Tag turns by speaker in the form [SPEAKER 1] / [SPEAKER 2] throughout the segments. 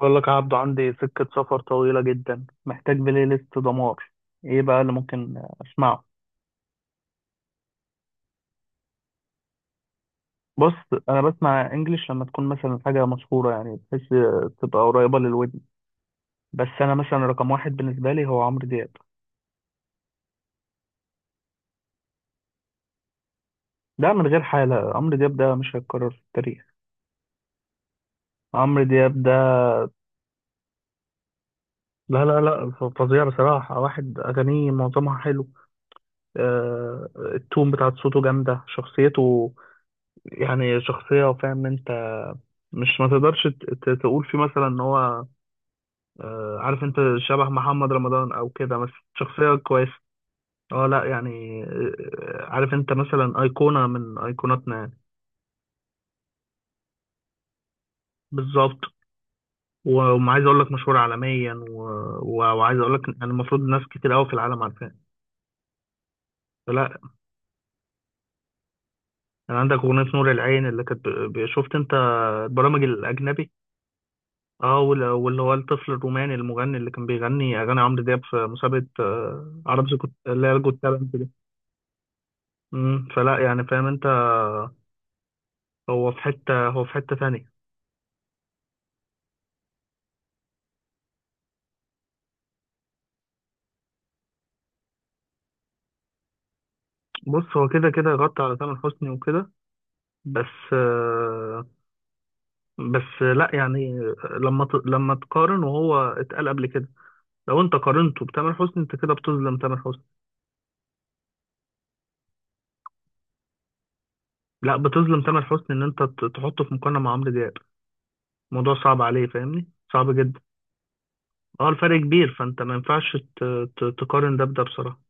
[SPEAKER 1] بقول لك عبده، عندي سكة سفر طويلة جدا، محتاج بلاي ليست دمار. ايه بقى اللي ممكن اسمعه؟ بص، انا بسمع انجليش لما تكون مثلا حاجة مشهورة، يعني بحيث تبقى قريبة للودن. بس انا مثلا رقم واحد بالنسبة لي هو عمرو دياب. ده من غير حالة، عمرو دياب ده مش هيتكرر في التاريخ. عمرو دياب ده لا لا لا، فظيع بصراحة، واحد أغانيه معظمها حلو. آه، التون بتاعت صوته جامدة، شخصيته يعني شخصية، فاهم انت؟ مش ما تقدرش تقول فيه مثلا ان هو عارف انت، شبه محمد رمضان او كده، بس شخصية كويسة. اه لا يعني، عارف انت، مثلا ايقونة من ايقوناتنا يعني. بالظبط. وعايز اقول لك مشهور عالميا و... وعايز اقول لك يعني المفروض ناس كتير قوي في العالم عارفاه. فلا يعني، عندك اغنية نور العين اللي كانت شفت انت البرامج الاجنبي؟ اه، واللي هو الطفل الروماني المغني اللي كان بيغني اغاني عمرو دياب في مسابقة عرب، اللي هي الجوت تالنت دي. فلا يعني، فاهم انت؟ هو في حتة ثانية. بص، هو كده كده غطى على تامر حسني وكده، بس بس لا يعني، لما تقارن، وهو اتقال قبل كده، لو انت قارنته بتامر حسني انت كده بتظلم تامر حسني. لا، بتظلم تامر حسني ان انت تحطه في مقارنة مع عمرو دياب. الموضوع صعب عليه، فاهمني؟ صعب جدا. اه، الفرق كبير، فانت ما ينفعش تقارن ده بده بصراحة.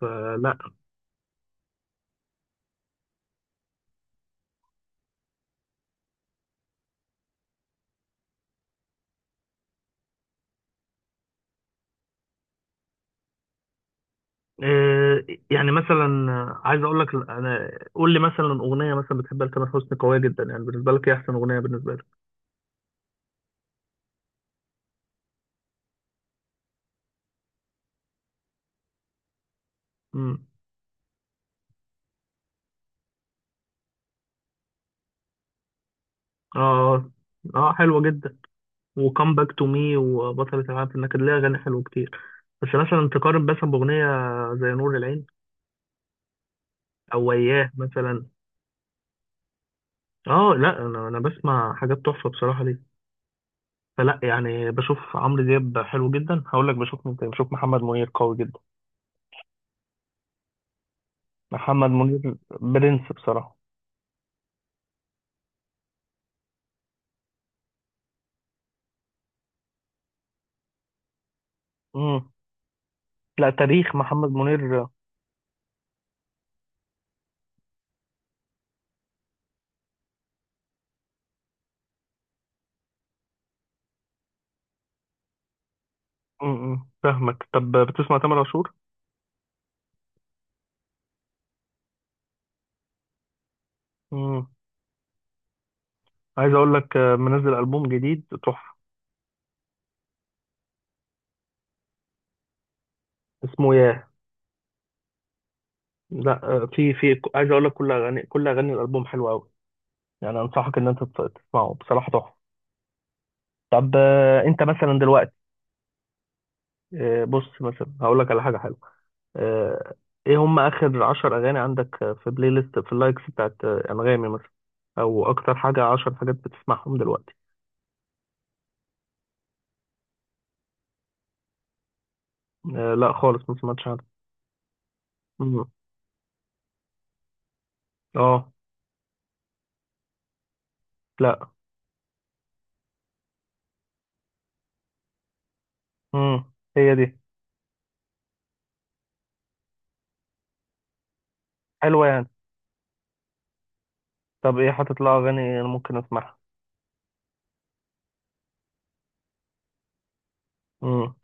[SPEAKER 1] فلا. آه، يعني مثلا، عايز اقول لك، انا قول لي مثلا اغنية مثلا بتحبها لتامر حسني قوية جدا يعني بالنسبة لك، ايه احسن اغنية بالنسبة لك؟ اه، اه، حلوة جدا. وكم باك تو مي، وبطلة العالم في النكد، ليها أغاني حلوة كتير. بس مثلا تقارن مثلا بأغنية زي نور العين أو وياه مثلا. اه لا، أنا بسمع حاجات تحفة بصراحة ليه. فلا يعني، بشوف عمرو دياب حلو جدا، هقول لك بشوف مين تاني، بشوف محمد منير قوي جدا. محمد منير برنس بصراحة. امم. لا، تاريخ محمد منير. امم، فاهمك. طب بتسمع تامر عاشور؟ امم. عايز أقول لك، منزل ألبوم جديد تحفة. اسمه ياه. لا في عايز اقول لك، كل اغاني الالبوم حلوه قوي، يعني انصحك ان انت تسمعه، بصراحه تحفه. طب انت مثلا دلوقتي، بص، مثلا هقول لك على حاجه حلوه. آه، ايه هم اخر 10 اغاني عندك في بلاي ليست، في اللايكس بتاعت انغامي مثلا، او اكتر حاجه 10 حاجات بتسمعهم دلوقتي؟ لا خالص، ما سمعتش عنها. مم. اه. لا. مم. هي دي. حلوه يعني؟ طب ايه حاطط لها اغاني انا ممكن اسمعها؟ مم.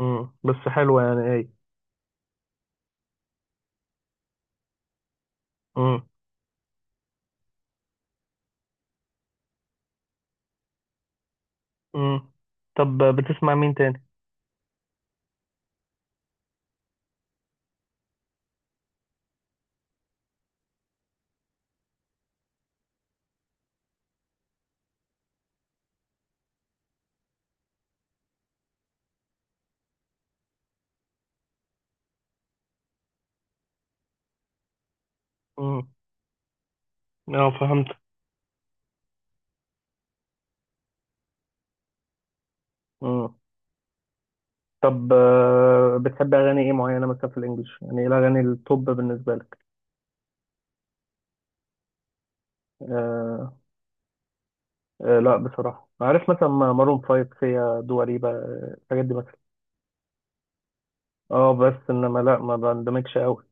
[SPEAKER 1] مم. بس حلوه يعني، ايه؟ مم. طب بتسمع مين تاني؟ مم. اه، فهمت. مم. طب بتحب اغاني ايه معينه مثلا في الانجليش، يعني ايه الاغاني التوب بالنسبه لك؟ آه. آه لا بصراحه، عارف مثلا مارون فايف، فيا دواريبا، الحاجات دي مثلا. اه بس انما لا، ما بندمجش قوي.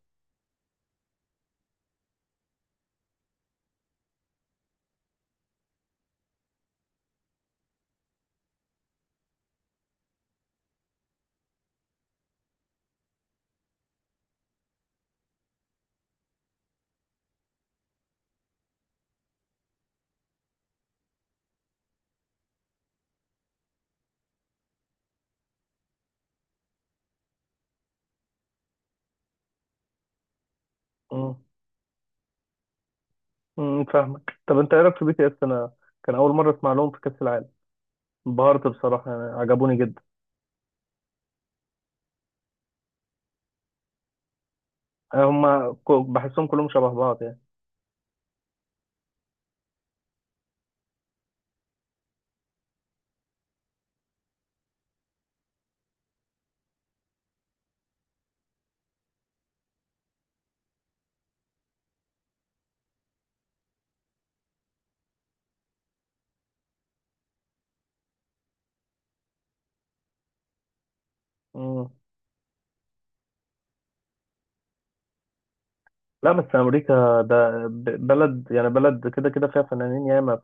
[SPEAKER 1] مم. مم، فاهمك. طب انت ايه رايك في بي تي اس؟ انا كان اول مره اسمع لهم في كاس العالم، انبهرت بصراحه، يعني عجبوني جدا. هم بحسهم كلهم شبه بعض يعني. مم. لا بس امريكا ده بلد يعني، بلد كده كده فيها فنانين ياما.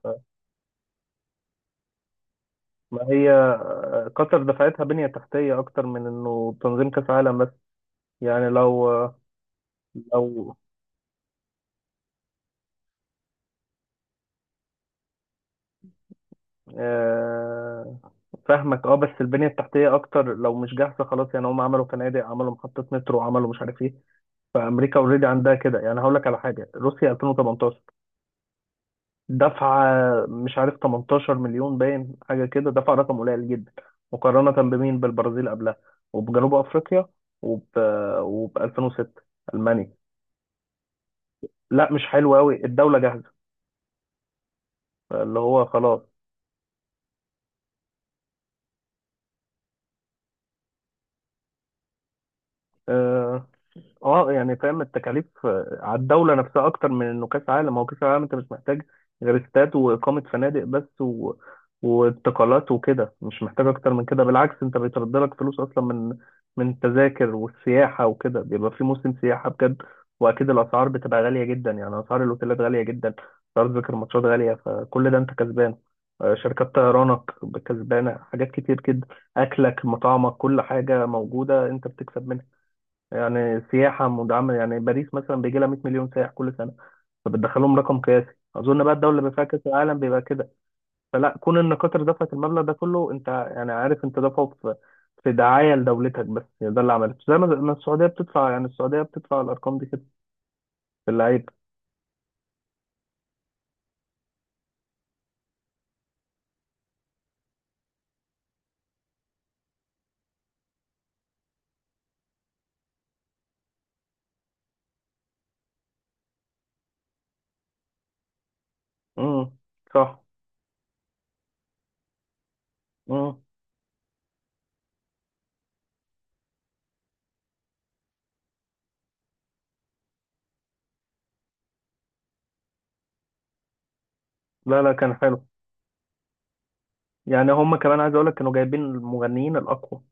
[SPEAKER 1] فما هي قطر دفعتها بنية تحتية اكتر من انه تنظيم كاس عالم بس. يعني لو لو آه، فاهمك، اه، بس البنية التحتية اكتر لو مش جاهزة خلاص، يعني هم عملوا فنادق، عملوا محطة مترو، عملوا مش عارف ايه. فامريكا اوريدي عندها كده، يعني هقول لك على حاجة، روسيا 2018 دفعة مش عارف 18 مليون باين، حاجة كده، دفع رقم قليل جدا مقارنة بمين؟ بالبرازيل قبلها، وبجنوب أفريقيا، وب وب 2006 ألمانيا. لا مش حلو أوي، الدولة جاهزة اللي هو خلاص. آه، اه يعني، فاهم؟ التكاليف على الدولة نفسها أكتر من إنه كأس عالم. هو كأس عالم، أنت مش محتاج غير استاد وإقامة فنادق بس و... وانتقالات وكده، مش محتاج أكتر من كده. بالعكس أنت بيترد لك فلوس أصلا من من التذاكر والسياحة وكده، بيبقى في موسم سياحة بجد، وأكيد الأسعار بتبقى غالية جدا، يعني أسعار الأوتيلات غالية جدا، أسعار تذاكر الماتشات غالية، فكل ده أنت كسبان. شركات طيرانك كسبانة، حاجات كتير كده، أكلك، مطعمك، كل حاجة موجودة أنت بتكسب منها. يعني سياحة مدعمة، يعني باريس مثلا بيجي لها 100 مليون سائح كل سنة، فبتدخلهم رقم قياسي. أظن بقى الدولة اللي بيبقى فيها كأس العالم بيبقى كده. فلا كون إن قطر دفعت المبلغ ده كله، أنت يعني عارف أنت دفعه في في دعاية لدولتك، بس هي ده اللي عملته زي ما السعودية بتدفع، يعني السعودية بتدفع الأرقام دي كده في اللعيبة. امم. صح. امم. لا لا، كان حلو. يعني هم كمان، عايز أقول لك، كانوا جايبين المغنيين الأقوى،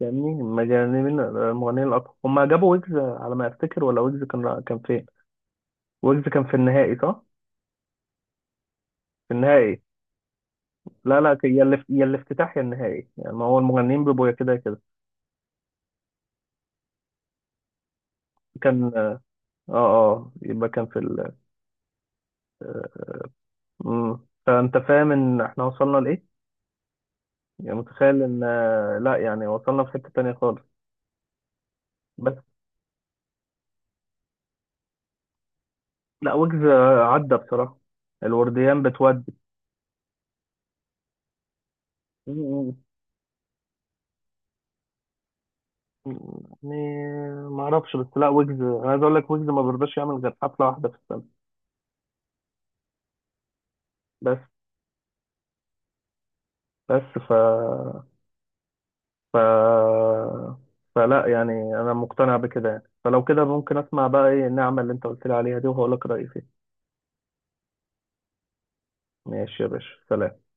[SPEAKER 1] فاهمني؟ مجانبين المغنيين الأقوى، هم جابوا ويجز على ما أفتكر، ولا ويجز كان فين؟ ويجز كان في النهائي صح؟ في النهائي. لا لا، يا اللي يا الافتتاح يا النهائي، يعني ما هو المغنيين بيبقوا يا كده يا كده. كان، اه اه، يبقى كان في ال آه، مم. فانت فاهم ان احنا وصلنا لايه؟ يعني متخيل ان لا يعني، وصلنا في حتة تانية خالص. بس لا، ويجز عدى بصراحة الورديان بتودي. مم. يعني ما اعرفش بس، لا ويجز انا عايز اقول لك، ويجز ما بيرضاش يعمل غير حفلة واحدة في السنة. بس بس ف ف... فلا يعني، انا مقتنع بكده، يعني فلو كده ممكن اسمع بقى ايه النعمة اللي انت قلت لي عليها دي، وهقول لك رأيي فيها. ماشي يا باشا، سلام.